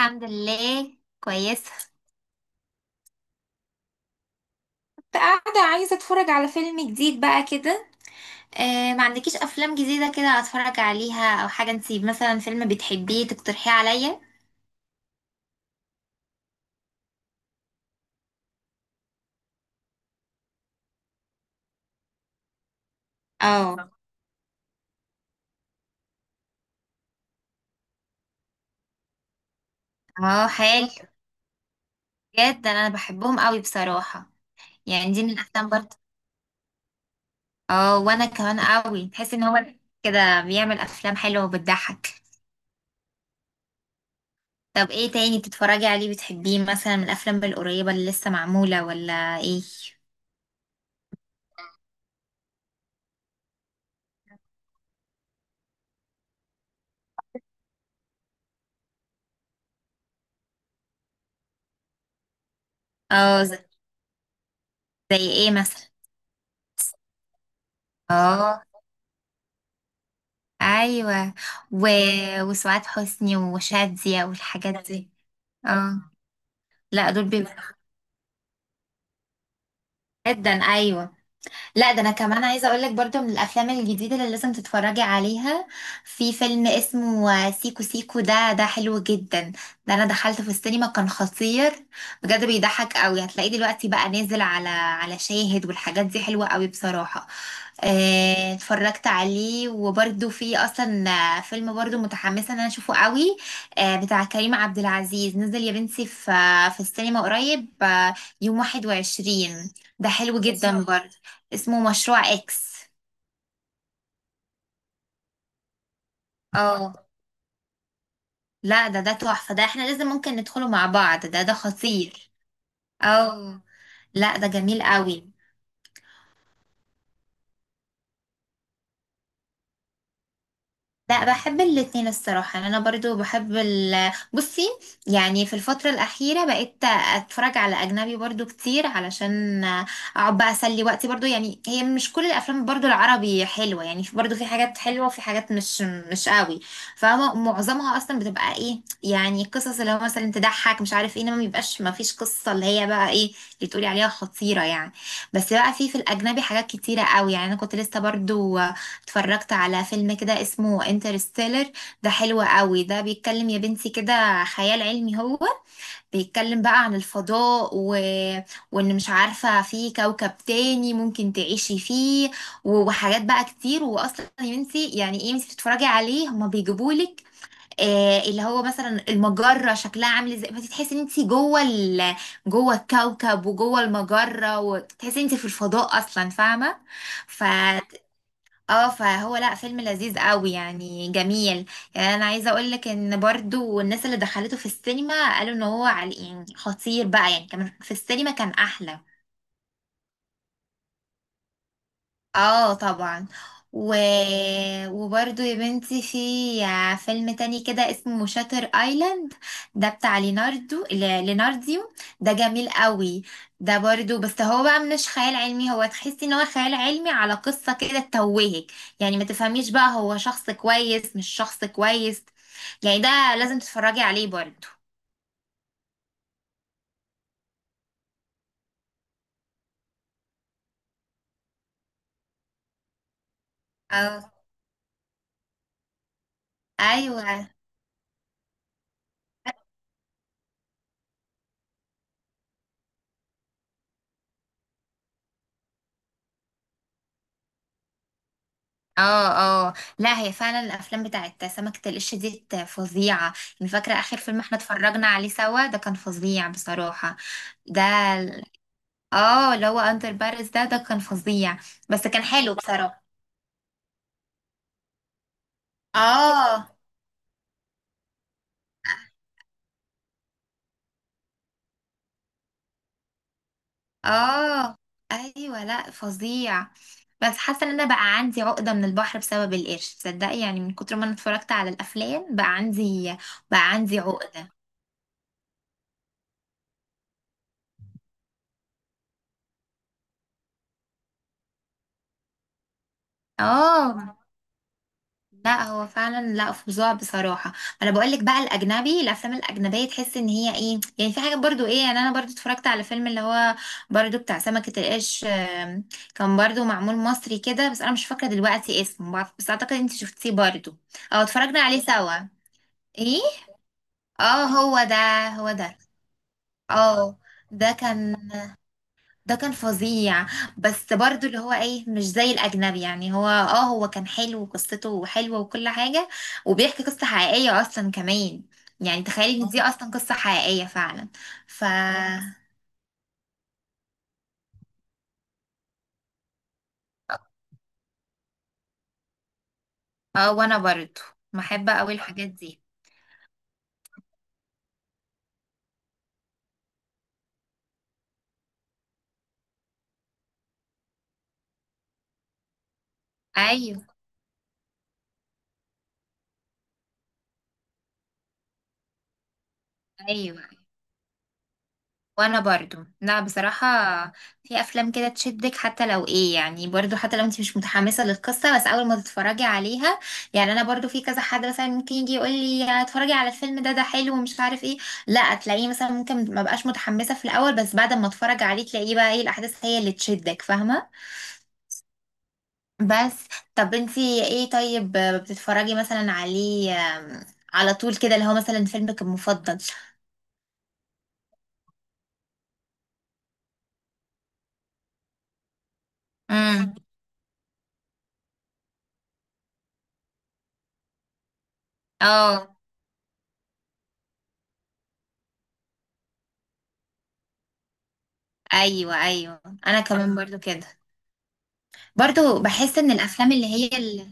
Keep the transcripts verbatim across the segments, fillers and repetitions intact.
الحمد لله كويسة. كنت قاعدة عايزة اتفرج على فيلم جديد بقى كده. آه، ما عندكيش افلام جديدة كده اتفرج عليها او حاجة؟ انتي مثلا فيلم بتحبيه تقترحيه عليا؟ اه. اه حلو، بجد انا بحبهم قوي بصراحة. يعني دي من الافلام برضه. اه وانا كمان قوي، تحس ان هو كده بيعمل افلام حلوة وبتضحك. طب ايه تاني بتتفرجي عليه بتحبيه مثلا من الافلام القريبة اللي لسه معمولة ولا ايه؟ اه زي، زي ايه مثلا؟ اه، ايوه. و... وسعاد حسني وشادية والحاجات دي. اه، لا دول بيبقوا جدا، ايوه. لا ده انا كمان عايزه اقول لك برضو من الافلام الجديده اللي لازم تتفرجي عليها. في فيلم اسمه سيكو سيكو، ده ده حلو جدا. ده انا دخلت في السينما كان خطير، بجد بيضحك قوي. هتلاقيه دلوقتي بقى نازل على على شاهد والحاجات دي حلوه قوي بصراحه. آه، اتفرجت عليه وبرده في اصلا. آه، فيلم برده متحمسه ان انا اشوفه قوي. آه، بتاع كريم عبد العزيز نزل يا بنتي في آه، في السينما قريب، آه، يوم واحد وعشرين. ده حلو جدا برده، اسمه مشروع اكس. اه لا ده ده تحفه، ده احنا لازم ممكن ندخله مع بعض، ده ده خطير. اه، لا ده جميل قوي. لا بحب الاتنين الصراحة، يعني أنا برضو بحب ال، بصي. يعني في الفترة الأخيرة بقيت أتفرج على أجنبي برضو كتير، علشان أقعد بقى أسلي وقتي برضو. يعني هي مش كل الأفلام برضو العربي حلوة، يعني في- برضو في حاجات حلوة وفي حاجات مش مش قوي. فمعظمها أصلا بتبقى إيه، يعني قصص اللي هو مثلا تضحك مش عارف إيه، إنما مبيبقاش مفيش قصة اللي هي بقى إيه، اللي تقولي عليها خطيرة يعني. بس بقى في في الأجنبي حاجات كتيرة قوي. يعني أنا كنت لسه برضو اتفرجت على فيلم كده اسمه انترستيلر، ده حلو قوي. ده بيتكلم يا بنتي كده خيال علمي هو، بيتكلم بقى عن الفضاء و... وان مش عارفة في كوكب تاني ممكن تعيشي فيه، و- وحاجات بقى كتير. واصلا يا بنتي يعني ايه انتي بتتفرجي عليه، هما بيجيبولك آه، اللي هو مثلا المجرة شكلها عامل ازاي، فتحسي تحسي ان انتي جوه ال... جوه الكوكب وجوه المجرة، وتحسي ان انتي في الفضاء اصلا فاهمة. ف اه فهو لا فيلم لذيذ قوي يعني جميل. يعني انا عايزه اقول لك ان برضو الناس اللي دخلته في السينما قالوا ان هو على يعني خطير بقى، يعني كمان في السينما كان احلى. اه طبعا. و... وبرضو يا بنتي في فيلم تاني كده اسمه شاتر ايلاند، ده بتاع ليناردو، ل- لينارديو. ده جميل قوي، ده برضو بس هو بقى مش خيال علمي. هو تحسي ان هو خيال علمي على قصة كده تتوهك، يعني ما تفهميش بقى هو شخص كويس مش شخص كويس. يعني ده لازم تتفرجي عليه برضو. اه، ايوه. اه، اه لا هي فعلا الافلام بتاعت سمكة القش دي فظيعة. يعني فاكرة اخر فيلم احنا اتفرجنا عليه سوا، ده كان فظيع بصراحة. ده ال- اه اللي هو اندر بارس ده ده كان فظيع، بس كان حلو بصراحة. اه، اه ايوه، لا فظيع. بس حاسة ان انا بقى عندي عقدة من البحر بسبب القرش، تصدقي يعني من كتر ما انا اتفرجت على الافلام بقى عندي بقى عندي عقدة. اه، لا هو فعلا لا فظاع بصراحه. انا بقول لك بقى الاجنبي، الافلام الاجنبيه تحس ان هي ايه يعني، في حاجه برضو ايه يعني. انا برضو اتفرجت على فيلم اللي هو برضو بتاع سمكه القرش، آم، كان برضو معمول مصري كده، بس انا مش فاكره دلوقتي اسمه. بعرف- بس اعتقد انت شفتيه برضو او اتفرجنا عليه سوا. ايه؟ اه، هو ده، هو ده. اه. ده كان، ده كان فظيع. بس برضو اللي هو ايه، مش زي الاجنبي. يعني هو اه، هو كان حلو وقصته حلوة وكل حاجة، وبيحكي قصة حقيقية اصلا كمان. يعني تخيلي ان دي اصلا قصة حقيقية فعلا. ف اه، وانا برضو بحب قوي الحاجات دي. ايوه، ايوه. وانا برضو لا بصراحة في افلام كده تشدك حتى لو ايه، يعني برضو حتى لو انت مش متحمسة للقصة، بس اول ما تتفرجي عليها. يعني انا برضو في كذا حد مثلا ممكن يجي يقول لي اتفرجي على الفيلم ده، ده حلو ومش عارف ايه، لا تلاقيه مثلا ممكن ما بقاش متحمسة في الاول، بس بعد ما اتفرج عليه تلاقيه بقى ايه، الاحداث هي اللي تشدك فاهمة. بس، طب انت ايه طيب بتتفرجي مثلا عليه، آم، على طول كده اللي هو مثلا فيلمك المفضل؟ امم. اه، ايوه، ايوه. انا كمان برضو كده. برضو بحس ان الافلام اللي هي ال...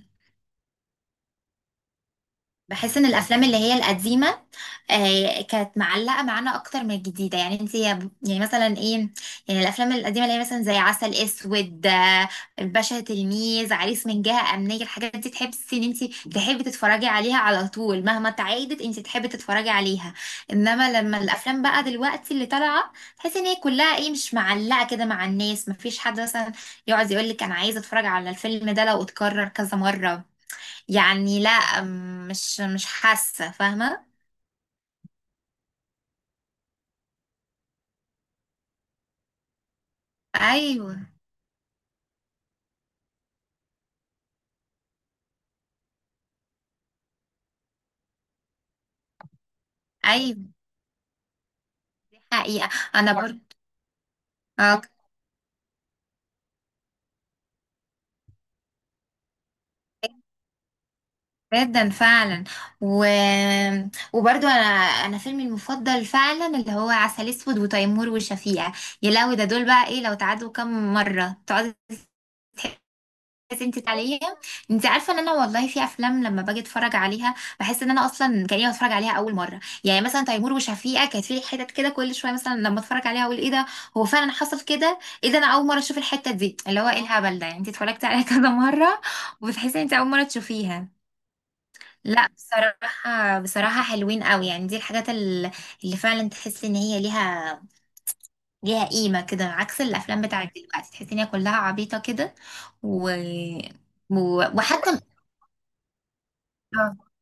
بحس ان الافلام اللي هي القديمه، آه، كانت معلقه معانا اكتر من الجديده. يعني انت يا- يعني مثلا ايه، يعني الافلام القديمه اللي هي مثلا زي عسل اسود، آه، الباشا تلميذ، عريس من جهه امنيه، الحاجات دي تحسي ان انت تحبي تتفرجي عليها على طول. مهما تعيدت انت تحبي تتفرجي عليها. انما لما الافلام بقى دلوقتي اللي طالعه، تحسي ان هي كلها ايه مش معلقه كده مع الناس. مفيش حد مثلا يقعد يقول لك انا عايز اتفرج على الفيلم ده لو اتكرر كذا مره. يعني لا، م- مش مش حاسة فاهمة. ايوه، ايوه. حقيقة، انا برضه. اه جدا فعلا. و... وبرضو انا، انا فيلمي المفضل فعلا اللي هو عسل اسود وتيمور وشفيقة. يا لهوي، ده دول بقى ايه لو تعادوا كم مرة تقعدي. بس انت تعالي، انت عارفه ان انا والله في افلام لما باجي اتفرج عليها بحس ان انا اصلا كاني بتفرج عليها اول مره. يعني مثلا تيمور وشفيقه كانت في حتت كده كل شويه، مثلا لما اتفرج عليها اقول ايه ده، هو فعلا حصل كده؟ ايه ده انا اول مره اشوف الحته دي، اللي هو ايه الهبل ده. يعني انت اتفرجتي عليها كذا مره وبتحسي ان انت اول مره تشوفيها. لا بصراحه، بصراحه حلوين قوي، يعني دي الحاجات ال- اللي فعلا تحسي ان هي ليها ليها قيمه كده، عكس الافلام بتاعت دلوقتي تحسي ان هي كلها عبيطه كده. و... و- وحتى اه.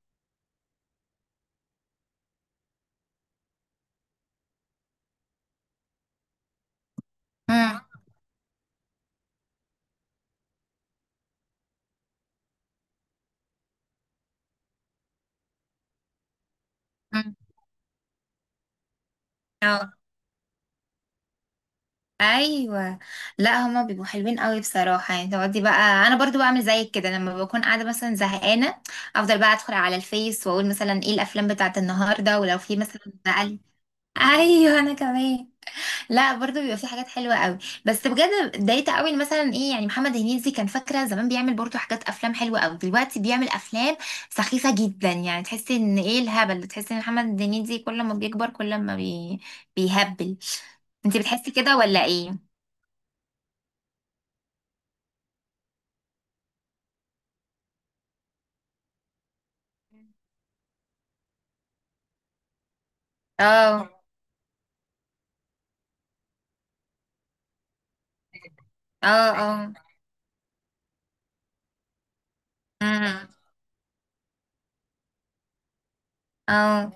امم. امم، اه ايوه، لا هما بيبقوا حلوين قوي بصراحه، يعني تقعدي بقى. انا برضو بعمل زيك كده لما بكون قاعده مثلا زهقانه، افضل بقى ادخل على الفيس واقول مثلا ايه الافلام بتاعت النهارده، ولو في مثلا بقى، ايوه انا كمان. لا برضه بيبقى في حاجات حلوه قوي. بس بجد اتضايقت قوي إن مثلا ايه، يعني محمد هنيدي كان فاكره زمان بيعمل برضه حاجات افلام حلوه قوي، دلوقتي بيعمل افلام سخيفه جدا. يعني تحسي ان ايه الهبل، تحسي ان محمد هنيدي كل ما بيكبر كل ما بي... بيهبل. انت بتحسي كده ولا ايه؟ اه، اه، اه. امم، اه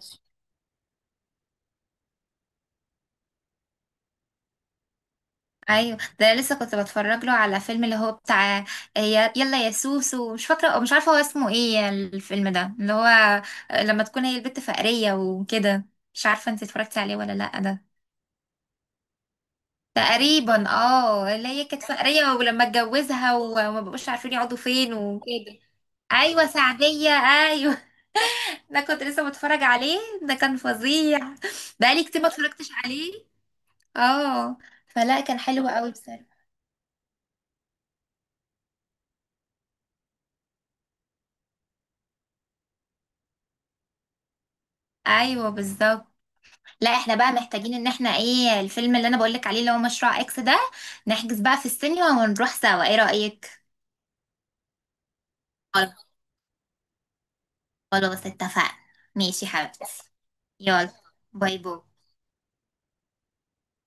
ايوه. ده أنا لسه كنت بتفرج له على فيلم اللي هو بتاع، آه، يا- يلا يا سوسو، مش فاكره مش عارفه هو اسمه ايه الفيلم ده اللي هو، آه، لما تكون هي البت فقريه وكده. مش عارفه انت اتفرجتي عليه ولا لا ده؟ تقريبا اه اللي هي كانت فقريه، ولما اتجوزها وما بقوش عارفين يقعدوا فين وكده. ايوه، سعديه ايوه. ده كنت لسه بتفرج عليه، ده كان فظيع. بقالي كتير ما اتفرجتش عليه. اه، فلا كان حلو قوي بصراحه. ايوه بالظبط. لا احنا بقى محتاجين ان احنا ايه، الفيلم اللي انا بقولك عليه اللي هو مشروع اكس ده، نحجز بقى في السينما ونروح سوا، ايه رأيك؟ خلاص، خلاص اتفقنا. ماشي يا حبيبتي. يلا، باي باي.